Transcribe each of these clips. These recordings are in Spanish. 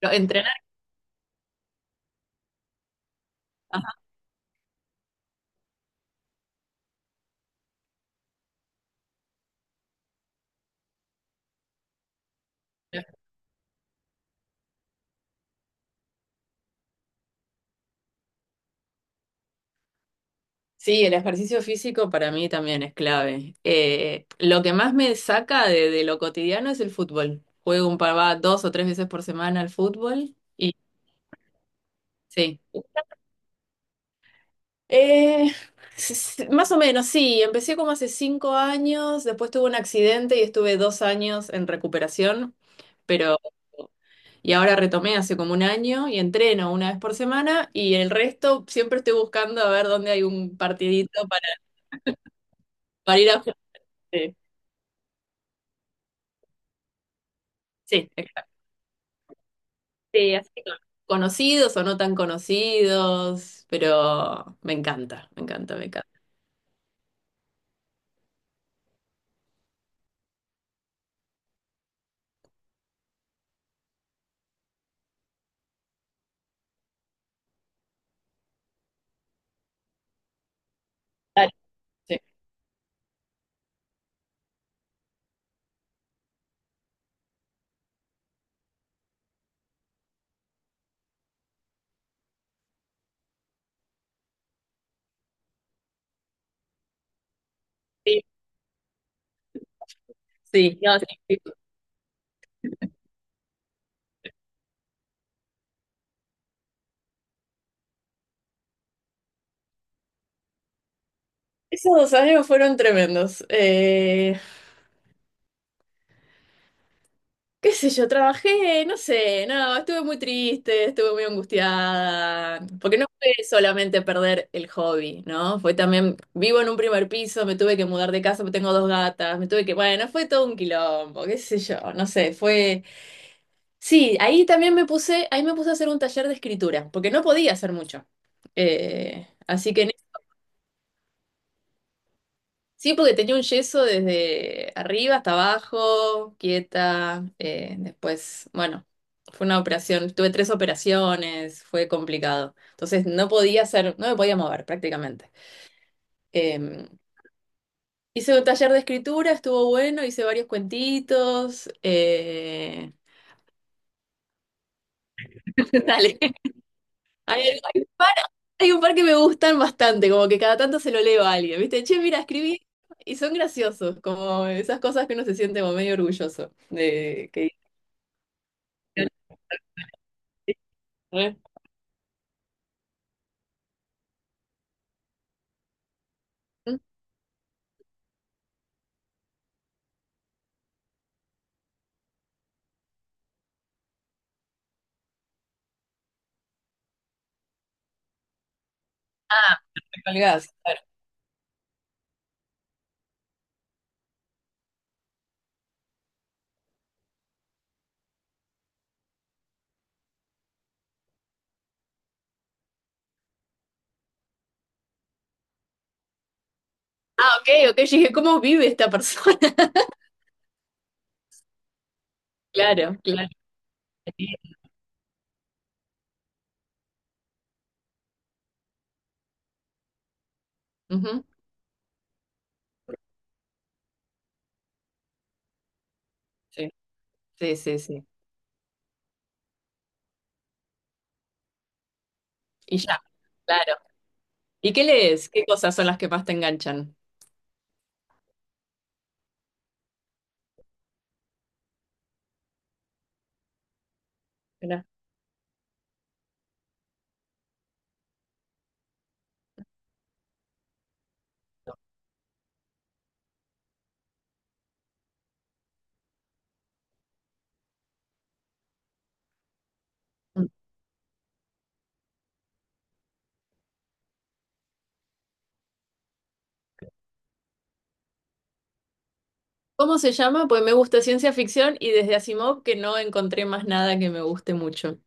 Entrenar. Ajá. Sí, el ejercicio físico para mí también es clave. Lo que más me saca de lo cotidiano es el fútbol. Juego un par, va 2 o 3 veces por semana al fútbol y sí. Eh, Más o menos, sí. Empecé como hace 5 años, después tuve un accidente y estuve 2 años en recuperación, pero y ahora retomé hace como un año y entreno una vez por semana y el resto siempre estoy buscando a ver dónde hay un partidito para ir a jugar. Sí, exacto. Sí, así que conocidos o no tan conocidos, pero me encanta, me encanta, me encanta. Dale. Sí, sí, sí. No, sí. Sí. Esos 2 años fueron tremendos. Qué sé yo, trabajé, no sé, no, estuve muy triste, estuve muy angustiada, porque no fue solamente perder el hobby, ¿no? Fue también, vivo en un primer piso, me tuve que mudar de casa, tengo dos gatas, me tuve que, bueno, fue todo un quilombo, qué sé yo, no sé, fue... Sí, ahí también me puse, ahí me puse a hacer un taller de escritura, porque no podía hacer mucho. Eh, así que en- sí, porque tenía un yeso desde arriba hasta abajo, quieta. Después, bueno, fue una operación, tuve tres operaciones, fue complicado. Entonces no podía hacer, no me podía mover prácticamente. Eh, Hice un taller de escritura, estuvo bueno, hice varios cuentitos. Hay un par, hay un par que me gustan bastante, como que cada tanto se lo leo a alguien, ¿viste? Che, mira, escribí y son graciosos, como esas cosas que uno se siente como medio orgulloso de que... ¿Eh? Ah, me colgás. Claro. Ah, ok, ok, yo dije, ¿cómo vive esta persona? Claro, claro. Ujú, sí, sí, sí, sí. Y ya, claro. ¿Y qué lees? ¿Qué cosas son las que más te enganchan? Mirá. ¿Cómo se llama? Pues me gusta ciencia ficción y desde Asimov que no encontré más nada que me guste mucho.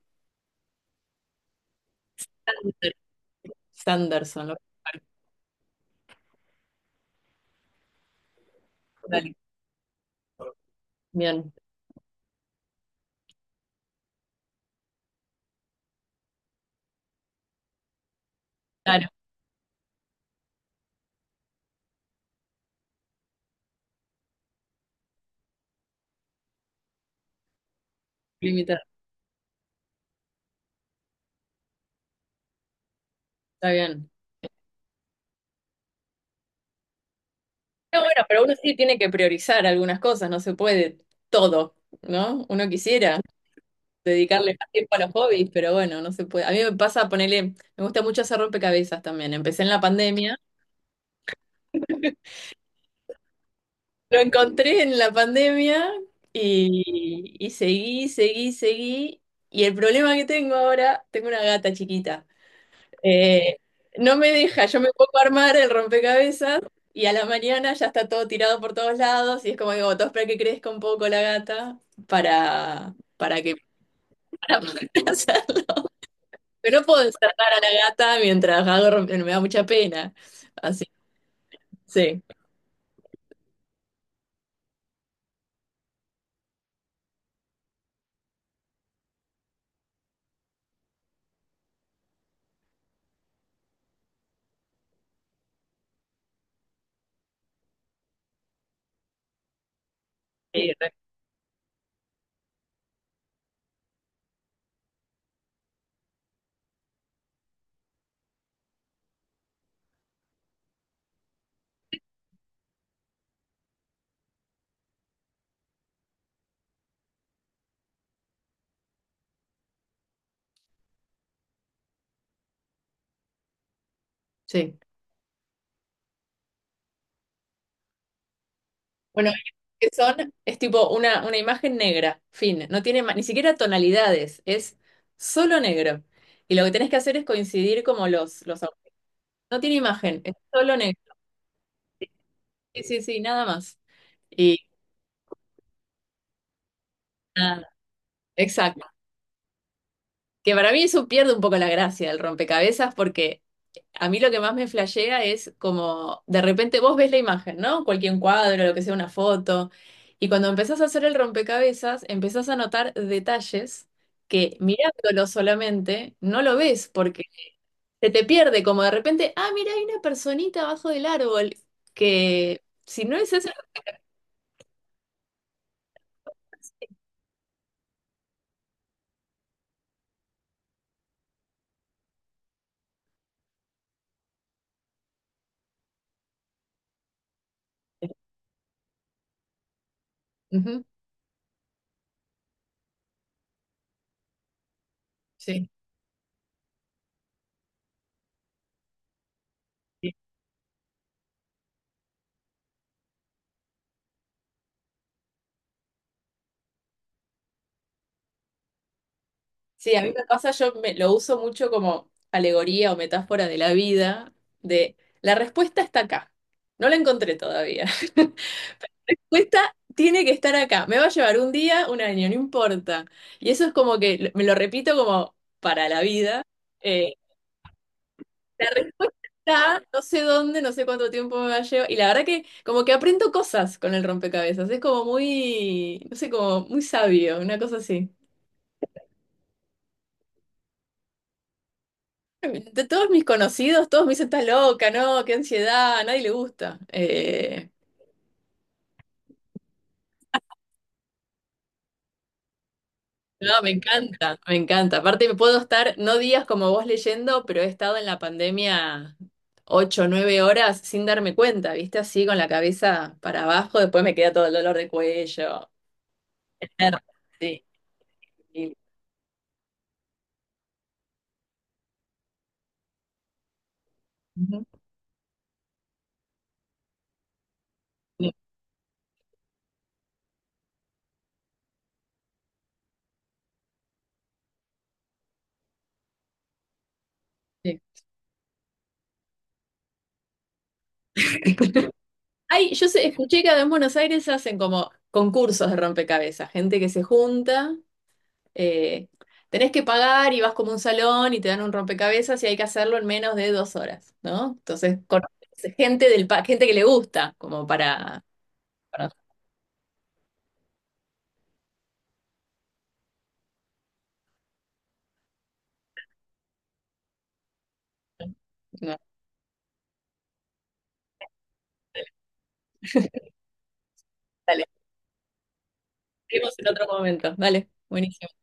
Sanderson, lo voy a buscar. Bien, claro, limitar, está bien. Pero bueno, pero uno sí tiene que priorizar algunas cosas, no se puede todo, ¿no? Uno quisiera dedicarle más tiempo a los hobbies, pero bueno, no se puede. A mí me pasa ponerle, me gusta mucho hacer rompecabezas también. Empecé en la pandemia, lo encontré en la pandemia y seguí, seguí, seguí. Y el problema que tengo ahora, tengo una gata chiquita. Eh, no me deja, yo me pongo a armar el rompecabezas y a la mañana ya está todo tirado por todos lados y es como digo, todo espera que crezca un poco la gata para que... Para poder hacer. Pero no puedo destratar a la gata mientras hago me da mucha pena. Así, sí. Sí. Sí. Bueno, que son, es tipo una imagen negra, fin, no tiene ni siquiera tonalidades, es solo negro. Y lo que tenés que hacer es coincidir como los... No tiene imagen, es solo negro. Sí, sí, sí, nada más. Y nada, exacto. Que para mí eso pierde un poco la gracia del rompecabezas porque a mí lo que más me flashea es como de repente vos ves la imagen, ¿no? Cualquier cuadro, lo que sea, una foto. Y cuando empezás a hacer el rompecabezas, empezás a notar detalles que mirándolo solamente no lo ves porque se te pierde como de repente, ah, mira, hay una personita abajo del árbol que si no es esa... Ujú, sí. Sí, a mí me pasa, lo uso mucho como alegoría o metáfora de la vida, de la respuesta está acá. No la encontré todavía. Respuesta tiene que estar acá. Me va a llevar un día, un año, no importa. Y eso es como que me lo repito como para la vida. Eh, la respuesta está, no sé dónde, no sé cuánto tiempo me va a llevar. Y la verdad que como que aprendo cosas con el rompecabezas. Es como muy, no sé, como muy sabio, una cosa así. De todos mis conocidos, todos me dicen, estás loca, no, qué ansiedad, a nadie le gusta. No, me encanta, me encanta. Aparte, me puedo estar, no días como vos leyendo, pero he estado en la pandemia 8 o 9 horas sin darme cuenta, ¿viste? Así con la cabeza para abajo, después me queda todo el dolor de cuello. Sí. Sí. Ujú. Sí, sí. Ay, escuché que acá en Buenos Aires hacen como concursos de rompecabezas, gente que se junta. Eh, Tenés que pagar y vas como a un salón y te dan un rompecabezas y hay que hacerlo en menos de 2 horas, ¿no? Entonces, conoces gente gente que le gusta, como para. para- No, dale, seguimos en otro momento. Dale, buenísimo.